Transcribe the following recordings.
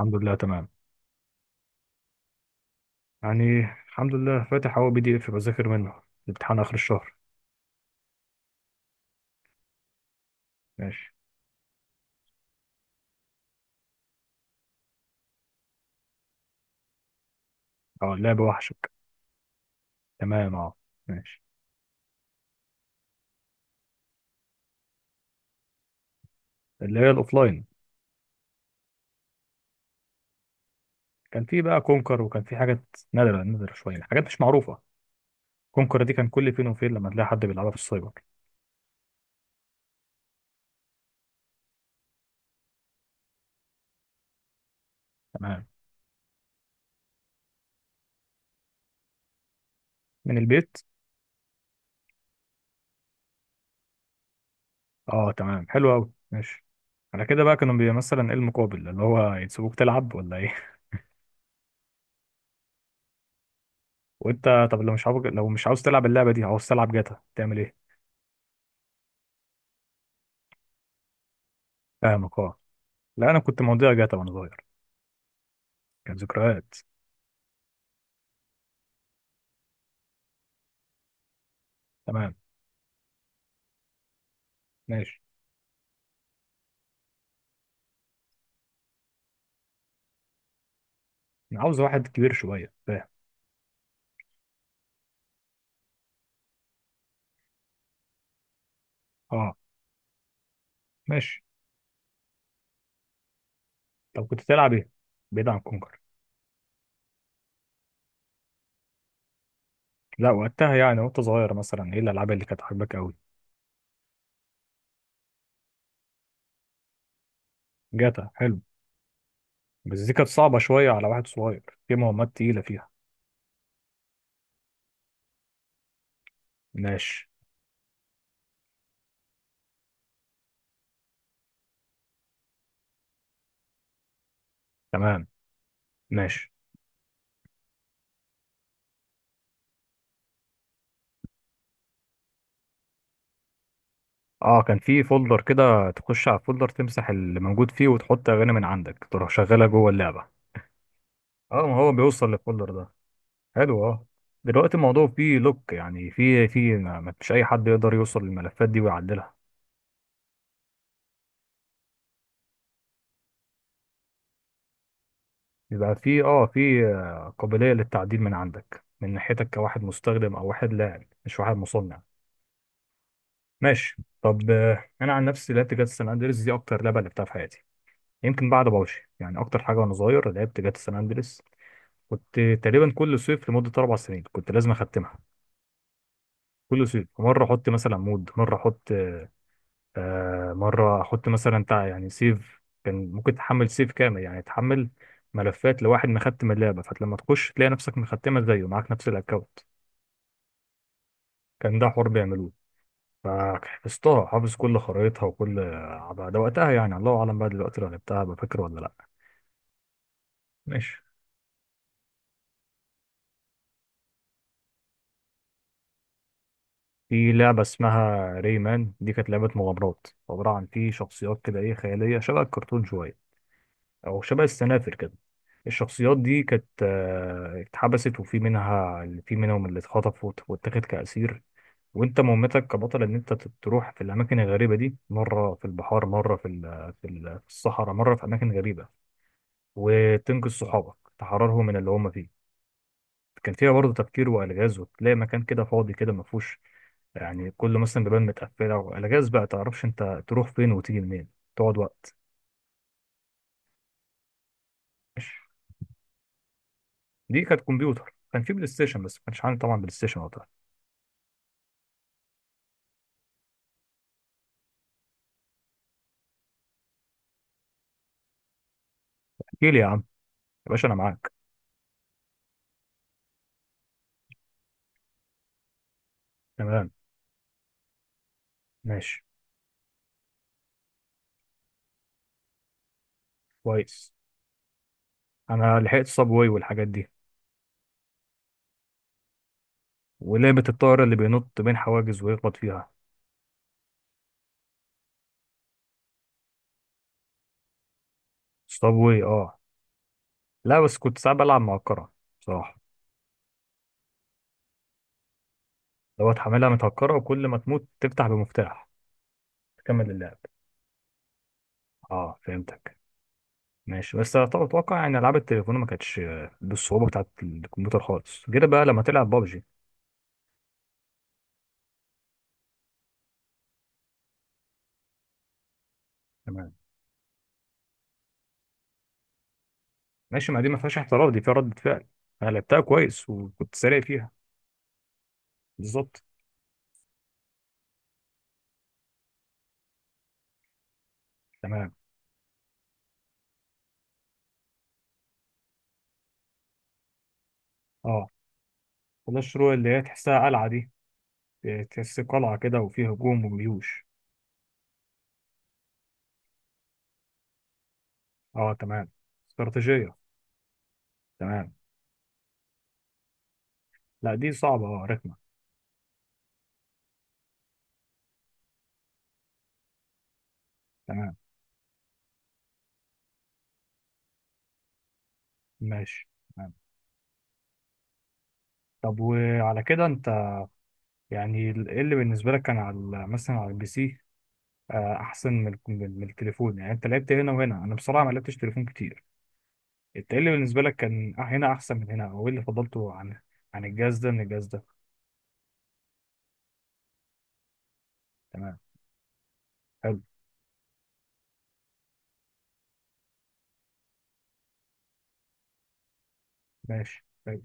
الحمد لله تمام. يعني الحمد لله فاتح اهو بي دي اف بذاكر منه الامتحان اخر الشهر. ماشي. اه اللعبه وحشك. تمام اه. ماشي. اللي هي الاوفلاين. كان في بقى كونكر وكان في حاجات نادره نادره، شويه حاجات مش معروفه. كونكر دي كان كل فين وفين لما تلاقي حد بيلعبها في السايبر. تمام. من البيت. اه تمام حلو قوي. ماشي. على كده بقى كانوا مثلا ايه المقابل اللي هو يسيبوك تلعب ولا ايه؟ وانت؟ طب لو مش عاوز، لو مش عاوز تلعب اللعبه دي، عاوز تلعب جاتا تعمل ايه؟ فاهمك اه. لا انا كنت مضيع جاتا وانا صغير. كان ذكريات. تمام ماشي. انا عاوز واحد كبير شويه فاهم. اه ماشي. طب كنت تلعب ايه؟ بعيد عن كونكر. لا وقتها يعني، وانت صغير، مثلا ايه الالعاب اللي كانت عاجباك قوي؟ جاتا حلو. بس دي كانت صعبه شويه على واحد صغير، في مهمات تقيله فيها. ماشي. تمام. ماشي اه. كان في فولدر كده، تخش على الفولدر تمسح اللي موجود فيه وتحط اغاني من عندك تروح شغالها جوه اللعبه. اه ما هو بيوصل للفولدر ده. حلو اه. دلوقتي الموضوع فيه لوك، يعني فيه ما فيش اي حد يقدر يوصل للملفات دي ويعدلها. يبقى في اه في قابلية للتعديل من عندك، من ناحيتك، كواحد مستخدم او واحد لاعب، مش واحد مصنع. ماشي. طب انا عن نفسي لعبت جاتا سان اندريس، دي اكتر لعبة لعبتها في حياتي. يمكن بعد بابجي. يعني اكتر حاجة وانا صغير لعبت جاتا سان اندريس. كنت تقريبا كل صيف لمدة اربع سنين كنت لازم اختمها. كل صيف مرة احط مثلا مود، مرة احط آه، مرة احط مثلا يعني سيف. كان ممكن تحمل سيف كامل، يعني تحمل ملفات لواحد مختم اللعبة، فلما تخش تلاقي نفسك مختمة زيه، معاك نفس الاكونت. كان ده حوار بيعملوه. فحفظتها، حافظ كل خرايطها وكل عبها ده. وقتها يعني، الله اعلم بقى دلوقتي لو لعبتها بفكر ولا لا. ماشي. في لعبة اسمها ريمان، دي كانت لعبة مغامرات عبارة عن في شخصيات كده ايه، خيالية شبه الكرتون شوية، او شبه السنافر كده. الشخصيات دي كانت اتحبست، وفي منها، في منهم اللي اتخطف واتاخد كأسير. وانت مهمتك كبطل ان انت تروح في الاماكن الغريبة دي، مرة في البحار، مرة في الصحراء، مرة في اماكن غريبة، وتنقذ صحابك تحررهم من اللي هم فيه. كان فيها برضه تفكير والغاز، وتلاقي مكان كده فاضي كده ما فيهوش، يعني كله مثلا بيبان متقفله، والغاز بقى تعرفش انت تروح فين وتيجي منين. تقعد وقت. ماشي. دي كانت كمبيوتر. كان في بلاي ستيشن بس ما كانش عندي طبعا بلاي ستيشن وقتها. احكي لي يا عم، يا باشا انا معاك. تمام ماشي. كويس. انا لحقت صابواي والحاجات دي. ولعبه الطائره اللي بينط بين حواجز ويخبط فيها. صابواي اه. لا بس كنت ساعات بلعب مع الكره، بصراحه. لو هتحملها متهكرة، وكل ما تموت تفتح بمفتاح تكمل اللعب. اه فهمتك. ماشي. بس اتوقع يعني العاب التليفون ما كانتش بالصعوبة بتاعت الكمبيوتر خالص، غير بقى لما تلعب بابجي. تمام. ماشي، ما دي ما فيهاش احتراف، دي فيها ردة فعل. انا لعبتها كويس وكنت سريع فيها. بالظبط. تمام اه. كلاش رويال اللي هي تحسها قلعة دي. تحس قلعة كده وفيها هجوم وجيوش. اه تمام. استراتيجية، تمام. لا دي صعبة اه، رخمة. تمام ماشي. تمام. طب وعلى كده انت، يعني إيه اللي بالنسبة لك كان على مثلا على البي سي، أحسن من الك- من من التليفون؟ يعني أنت لعبت هنا وهنا، أنا بصراحة ما لعبتش تليفون كتير. أنت إيه اللي بالنسبة لك كان هنا أحسن من هنا، أو إيه اللي فضلته عن عن الجهاز ده من الجهاز ده؟ تمام. حلو. ماشي. حلو.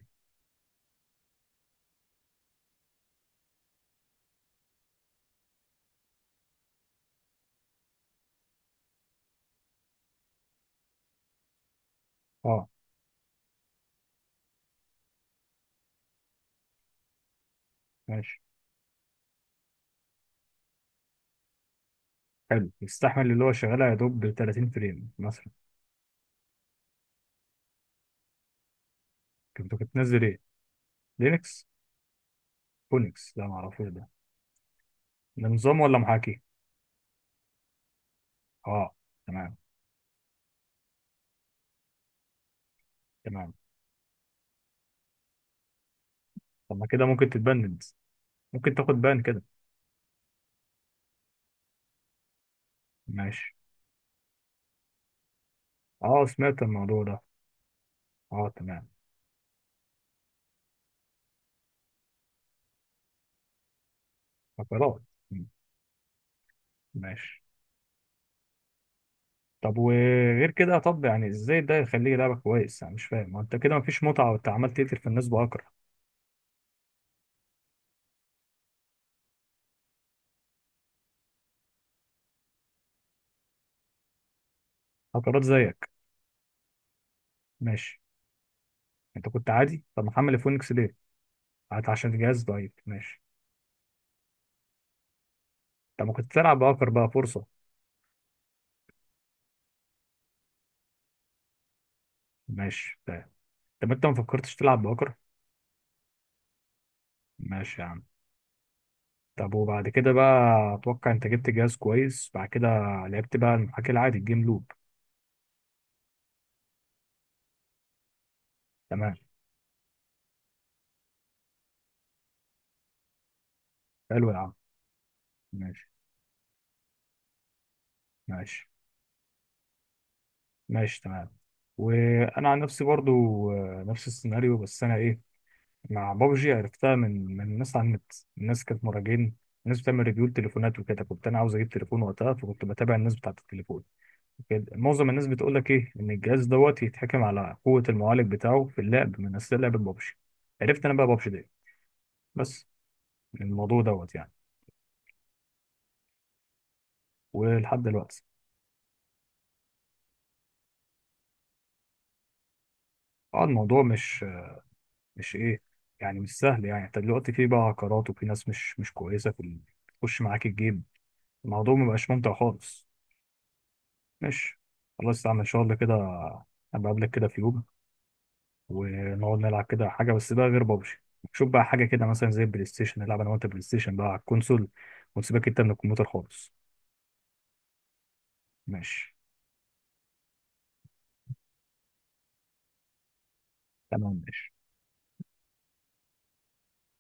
أه ماشي. حلو، يستحمل اللي هو شغالها يا دوب 30 فريم مثلا. كنت بتنزل إيه؟ لينكس؟ أونكس، لا معرفوش ده. ده نظام ولا محاكي؟ أه تمام. تمام. طب ما كده ممكن تتبند، ممكن تاخد بان كده. ماشي. اه سمعت الموضوع ده. اه تمام. فقرات. مم، ماشي. طب وغير كده، طب يعني ازاي ده يخليه لعبة كويس؟ انا مش فاهم، ما انت كده مفيش متعة وانت عمال تقتل في الناس بأكرة. فقرات زيك. ماشي. انت كنت عادي، طب محمل فونكس ليه؟ قعدت عشان الجهاز ضعيف، ماشي. طب ما كنت تلعب بأكر بقى، فرصة. ماشي طيب. طب انت ما فكرتش تلعب بأكر؟ ماشي يا عم. طب وبعد كده بقى، اتوقع انت جبت جهاز كويس بعد كده، لعبت بقى المحاكي العادي الجيم لوب. تمام. حلو يا عم. ماشي. ماشي. ماشي تمام. وانا عن نفسي برضو نفس السيناريو، بس انا ايه، مع بابجي عرفتها من الناس على النت. الناس كانت مراجعين، الناس بتعمل ريفيو لتليفونات وكده. كنت انا عاوز اجيب تليفون وقتها، فكنت بتابع الناس بتاعت التليفون كده. معظم الناس بتقول لك ايه، ان الجهاز دوت يتحكم على قوة المعالج بتاعه في اللعب من اثناء لعب بابجي. عرفت انا بقى بابجي دي بس من الموضوع دوت يعني. ولحد دلوقتي اه. الموضوع مش، مش ايه، يعني مش سهل. يعني انت دلوقتي في بقى عقارات، وفي ناس مش كويسه في بتخش معاك الجيب. الموضوع مبقاش ممتع خالص. ماشي، خلاص استعمل ان شاء الله كده. ابقى قبلك كده في يوم ونقعد نلعب كده حاجه، بس بقى غير بابجي. شوف بقى حاجه كده، مثلا زي البلاي ستيشن، نلعب انا وانت بلاي ستيشن بقى على الكونسول، ونسيبك انت من الكمبيوتر خالص. ماشي تمام ماشي.